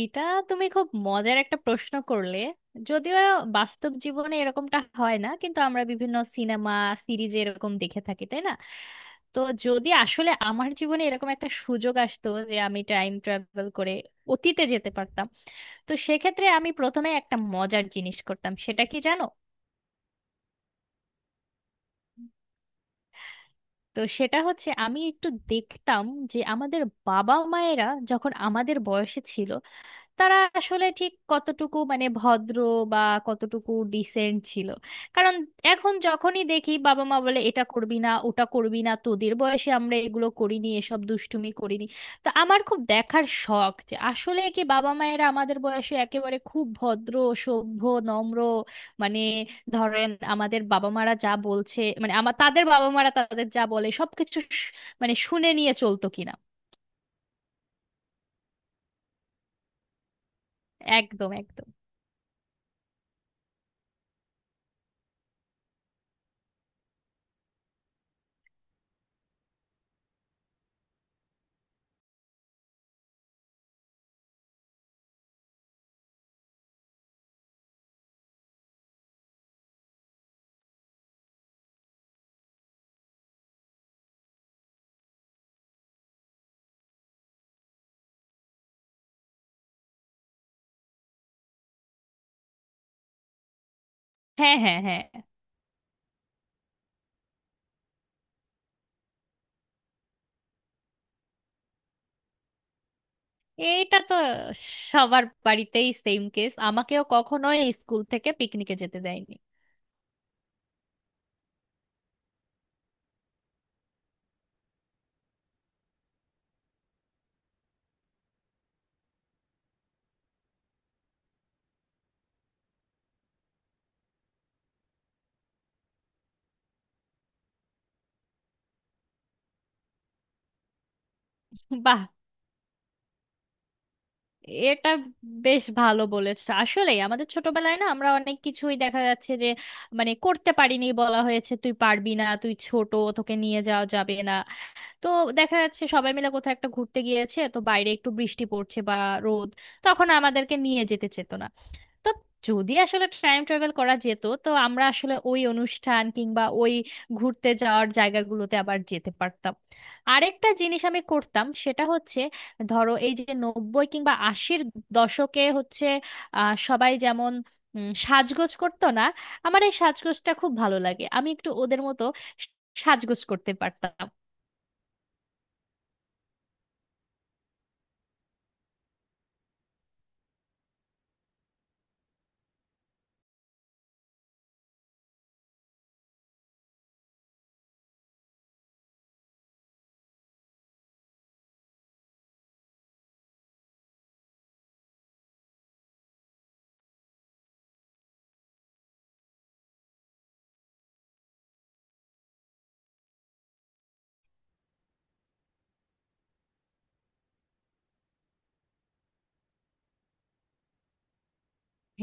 এটা, তুমি খুব মজার একটা প্রশ্ন করলে। যদিও বাস্তব জীবনে এরকমটা হয় না, কিন্তু আমরা বিভিন্ন সিনেমা সিরিজে এরকম দেখে থাকি, তাই না? তো যদি আসলে আমার জীবনে এরকম একটা সুযোগ আসতো যে আমি টাইম ট্রাভেল করে অতীতে যেতে পারতাম, তো সেক্ষেত্রে আমি প্রথমে একটা মজার জিনিস করতাম, সেটা কি জানো? তো সেটা হচ্ছে, আমি একটু দেখতাম যে আমাদের বাবা মায়েরা যখন আমাদের বয়সে ছিল, তারা আসলে ঠিক কতটুকু, মানে, ভদ্র বা কতটুকু ডিসেন্ট ছিল। কারণ এখন যখনই দেখি, বাবা মা বলে এটা করবি না, ওটা করবি না, তোদের বয়সে আমরা এগুলো করিনি, এসব দুষ্টুমি করিনি। তো আমার খুব দেখার শখ যে আসলে কি বাবা মায়েরা আমাদের বয়সে একেবারে খুব ভদ্র, সভ্য, নম্র, মানে, ধরেন আমাদের বাবা মারা যা বলছে, মানে আমার তাদের বাবা মারা তাদের যা বলে সবকিছু মানে শুনে নিয়ে চলতো কিনা। একদম একদম। হ্যাঁ হ্যাঁ হ্যাঁ। এইটা তো সবার বাড়িতেই সেম কেস, আমাকেও কখনো স্কুল থেকে পিকনিকে যেতে দেয়নি। বাহ, এটা বেশ ভালো বলেছ। আসলে আমাদের ছোটবেলায় না, আমরা অনেক কিছুই দেখা যাচ্ছে যে, মানে, করতে পারিনি। বলা হয়েছে তুই পারবি না, তুই ছোট, তোকে নিয়ে যাওয়া যাবে না। তো দেখা যাচ্ছে সবাই মিলে কোথাও একটা ঘুরতে গিয়েছে, তো বাইরে একটু বৃষ্টি পড়ছে বা রোদ, তখন আমাদেরকে নিয়ে যেতে চেত না। তো যদি আসলে টাইম ট্রাভেল করা যেত, তো আমরা আসলে ওই অনুষ্ঠান কিংবা ওই ঘুরতে যাওয়ার জায়গাগুলোতে আবার যেতে পারতাম। আরেকটা জিনিস আমি করতাম, সেটা হচ্ছে, ধরো এই যে নব্বই কিংবা আশির দশকে হচ্ছে, সবাই যেমন সাজগোজ করতো না, আমার এই সাজগোজটা খুব ভালো লাগে। আমি একটু ওদের মতো সাজগোজ করতে পারতাম।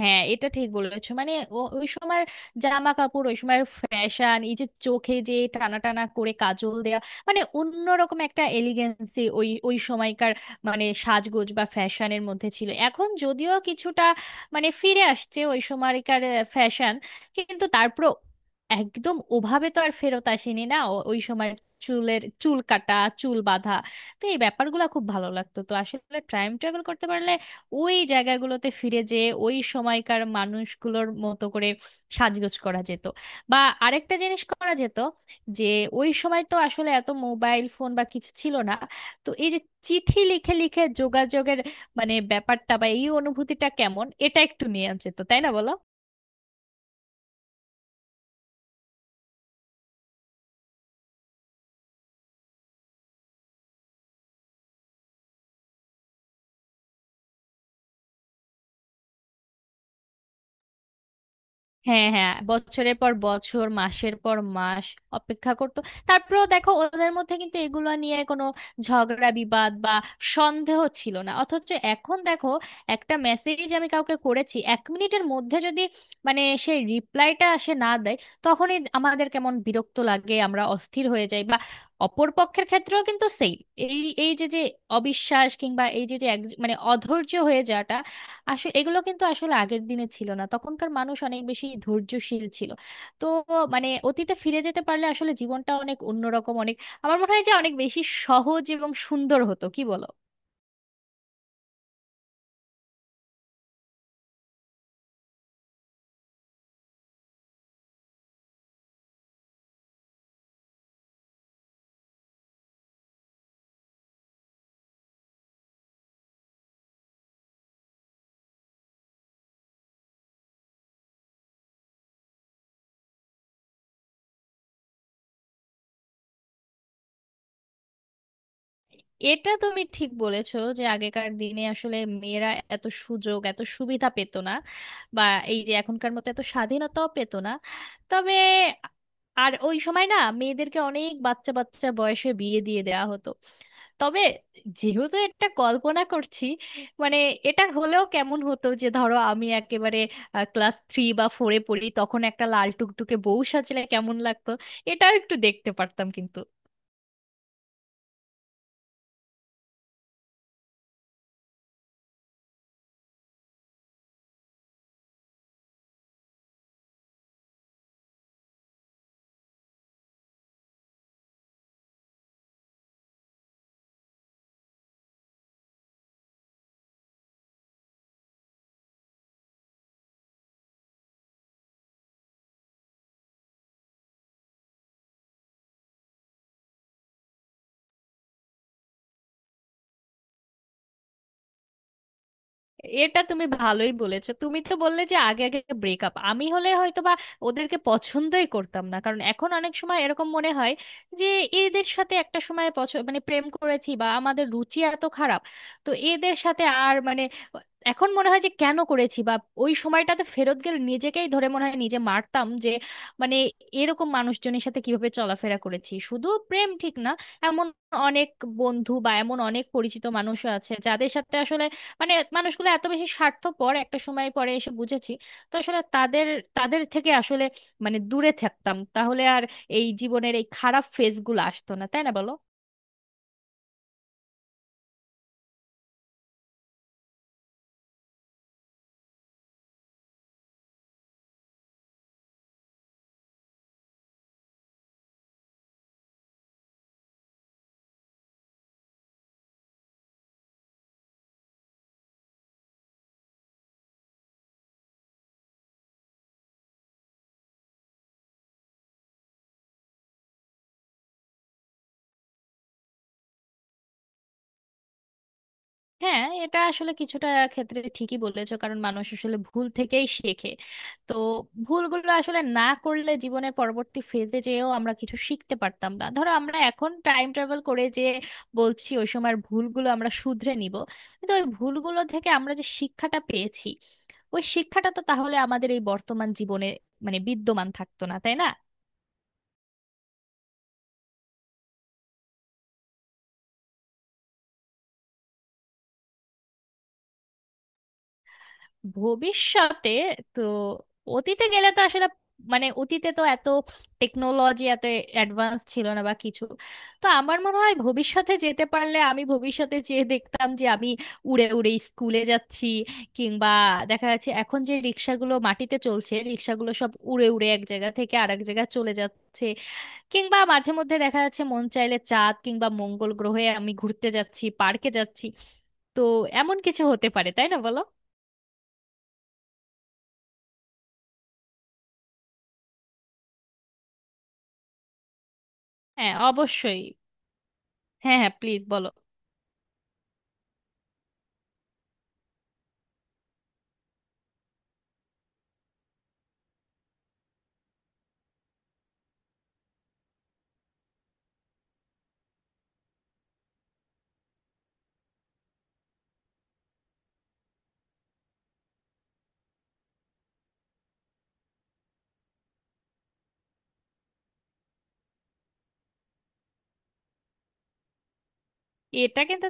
হ্যাঁ, এটা ঠিক বলেছো। মানে ওই সময় জামা কাপড়, ওই সময় ফ্যাশন, এই যে চোখে যে টানা টানা করে কাজল দেয়া, মানে অন্যরকম একটা এলিগেন্সি ওই ওই সময়কার মানে সাজগোজ বা ফ্যাশনের মধ্যে ছিল। এখন যদিও কিছুটা, মানে, ফিরে আসছে ওই সময়কার ফ্যাশন, কিন্তু তারপর একদম ওভাবে তো আর ফেরত আসেনি না ওই সময়। চুলের চুল কাটা, চুল বাঁধা, তো এই ব্যাপারগুলো খুব ভালো লাগতো। তো আসলে টাইম ট্রাভেল করতে পারলে ওই জায়গাগুলোতে ফিরে যেয়ে ওই সময়কার মানুষগুলোর মতো করে সাজগোজ করা যেত। বা আরেকটা জিনিস করা যেত, যে ওই সময় তো আসলে এত মোবাইল ফোন বা কিছু ছিল না, তো এই যে চিঠি লিখে লিখে যোগাযোগের, মানে ব্যাপারটা বা এই অনুভূতিটা কেমন, এটা একটু নিয়ে যেত, তাই না বলো? হ্যাঁ হ্যাঁ, বছরের পর বছর, মাসের পর মাস অপেক্ষা করতো। তারপরেও দেখো, ওদের মধ্যে কিন্তু এগুলো নিয়ে কোনো ঝগড়া বিবাদ বা সন্দেহ ছিল না। অথচ এখন দেখো, একটা মেসেজ আমি কাউকে করেছি, এক মিনিটের মধ্যে যদি, মানে, সেই রিপ্লাইটা আসে না দেয়, তখনই আমাদের কেমন বিরক্ত লাগে, আমরা অস্থির হয়ে যাই। বা অপর পক্ষের ক্ষেত্রেও কিন্তু সেই এই এই যে যে অবিশ্বাস, কিংবা এই যে যে মানে অধৈর্য হয়ে যাওয়াটা, আসলে এগুলো কিন্তু আসলে আগের দিনে ছিল না। তখনকার মানুষ অনেক বেশি ধৈর্যশীল ছিল। তো, মানে, অতীতে ফিরে যেতে পারলে আসলে জীবনটা অনেক অন্যরকম, অনেক, আমার মনে হয় যে অনেক বেশি সহজ এবং সুন্দর হতো, কি বলো? এটা তুমি ঠিক বলেছো যে আগেকার দিনে আসলে মেয়েরা এত সুযোগ এত সুবিধা পেত না, বা এই যে এখনকার মতো এত স্বাধীনতাও পেত না। তবে, আর ওই সময় না মেয়েদেরকে অনেক বাচ্চা বাচ্চা বয়সে বিয়ে দিয়ে দেওয়া হতো। তবে যেহেতু একটা কল্পনা করছি, মানে, এটা হলেও কেমন হতো যে ধরো আমি একেবারে ক্লাস থ্রি বা ফোরে পড়ি, তখন একটা লাল টুকটুকে বউ সাজলে কেমন লাগতো, এটাও একটু দেখতে পারতাম। কিন্তু এটা তুমি ভালোই বলেছো। তুমি তো বললে যে আগে আগে ব্রেকআপ, আমি হলে হয়তো বা ওদেরকে পছন্দই করতাম না, কারণ এখন অনেক সময় এরকম মনে হয় যে এদের সাথে একটা সময় মানে প্রেম করেছি, বা আমাদের রুচি এত খারাপ, তো এদের সাথে আর, মানে, এখন মনে হয় যে কেন করেছি। বা ওই সময়টাতে ফেরত গেলে নিজেকেই ধরে মনে হয় নিজে মারতাম, যে, মানে, এরকম মানুষজনের সাথে কিভাবে চলাফেরা করেছি। শুধু প্রেম ঠিক না, এমন অনেক বন্ধু বা এমন অনেক পরিচিত মানুষ আছে যাদের সাথে আসলে, মানে, মানুষগুলো এত বেশি স্বার্থপর, একটা সময় পরে এসে বুঝেছি। তো আসলে তাদের তাদের থেকে আসলে, মানে, দূরে থাকতাম, তাহলে আর এই জীবনের এই খারাপ ফেজগুলো আসতো না, তাই না বলো? হ্যাঁ, এটা আসলে কিছুটা ক্ষেত্রে ঠিকই বলেছো, কারণ মানুষ আসলে ভুল থেকেই শেখে। তো ভুলগুলো আসলে না করলে জীবনের পরবর্তী ফেজে যেও আমরা কিছু শিখতে পারতাম না। ধরো আমরা এখন টাইম ট্রাভেল করে যে বলছি ওই সময়ের ভুলগুলো আমরা শুধরে নিব, কিন্তু ওই ভুলগুলো থেকে আমরা যে শিক্ষাটা পেয়েছি, ওই শিক্ষাটা তো তাহলে আমাদের এই বর্তমান জীবনে, মানে, বিদ্যমান থাকতো না, তাই না? ভবিষ্যতে তো, অতীতে গেলে তো আসলে, মানে, অতীতে তো এত টেকনোলজি এত অ্যাডভান্স ছিল না বা কিছু। তো আমার মনে হয় ভবিষ্যতে যেতে পারলে আমি ভবিষ্যতে যেয়ে দেখতাম যে আমি উড়ে উড়ে স্কুলে যাচ্ছি, কিংবা দেখা যাচ্ছে এখন যে রিক্সাগুলো মাটিতে চলছে, রিক্সাগুলো সব উড়ে উড়ে এক জায়গা থেকে আরেক জায়গায় চলে যাচ্ছে, কিংবা মাঝে মধ্যে দেখা যাচ্ছে মন চাইলে চাঁদ কিংবা মঙ্গল গ্রহে আমি ঘুরতে যাচ্ছি, পার্কে যাচ্ছি। তো এমন কিছু হতে পারে, তাই না বলো? হ্যাঁ, অবশ্যই। হ্যাঁ হ্যাঁ, প্লিজ বলো। এটা কিন্তু,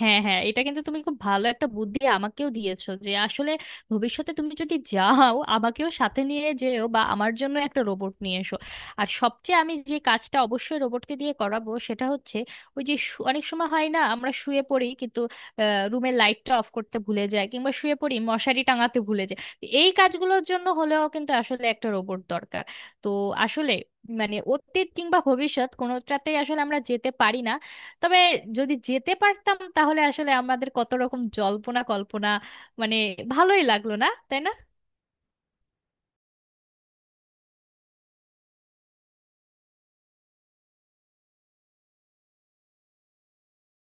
হ্যাঁ হ্যাঁ, এটা কিন্তু তুমি খুব ভালো একটা বুদ্ধি আমাকেও দিয়েছো যে আসলে ভবিষ্যতে তুমি যদি যাও আমাকেও সাথে নিয়ে যেও, বা আমার জন্য একটা রোবট নিয়ে এসো। আর সবচেয়ে আমি যে কাজটা অবশ্যই রোবটকে দিয়ে করাবো সেটা হচ্ছে, ওই যে অনেক সময় হয় না আমরা শুয়ে পড়ি কিন্তু রুমের লাইটটা অফ করতে ভুলে যায়, কিংবা শুয়ে পড়ি মশারি টাঙাতে ভুলে যায়, তো এই কাজগুলোর জন্য হলেও কিন্তু আসলে একটা রোবট দরকার। তো আসলে, মানে, অতীত কিংবা ভবিষ্যৎ কোনোটাতেই আসলে আমরা যেতে পারি না। তবে যদি যেতে পারতাম, তাহলে আসলে আমাদের কত রকম জল্পনা কল্পনা, মানে, ভালোই লাগলো না, তাই না?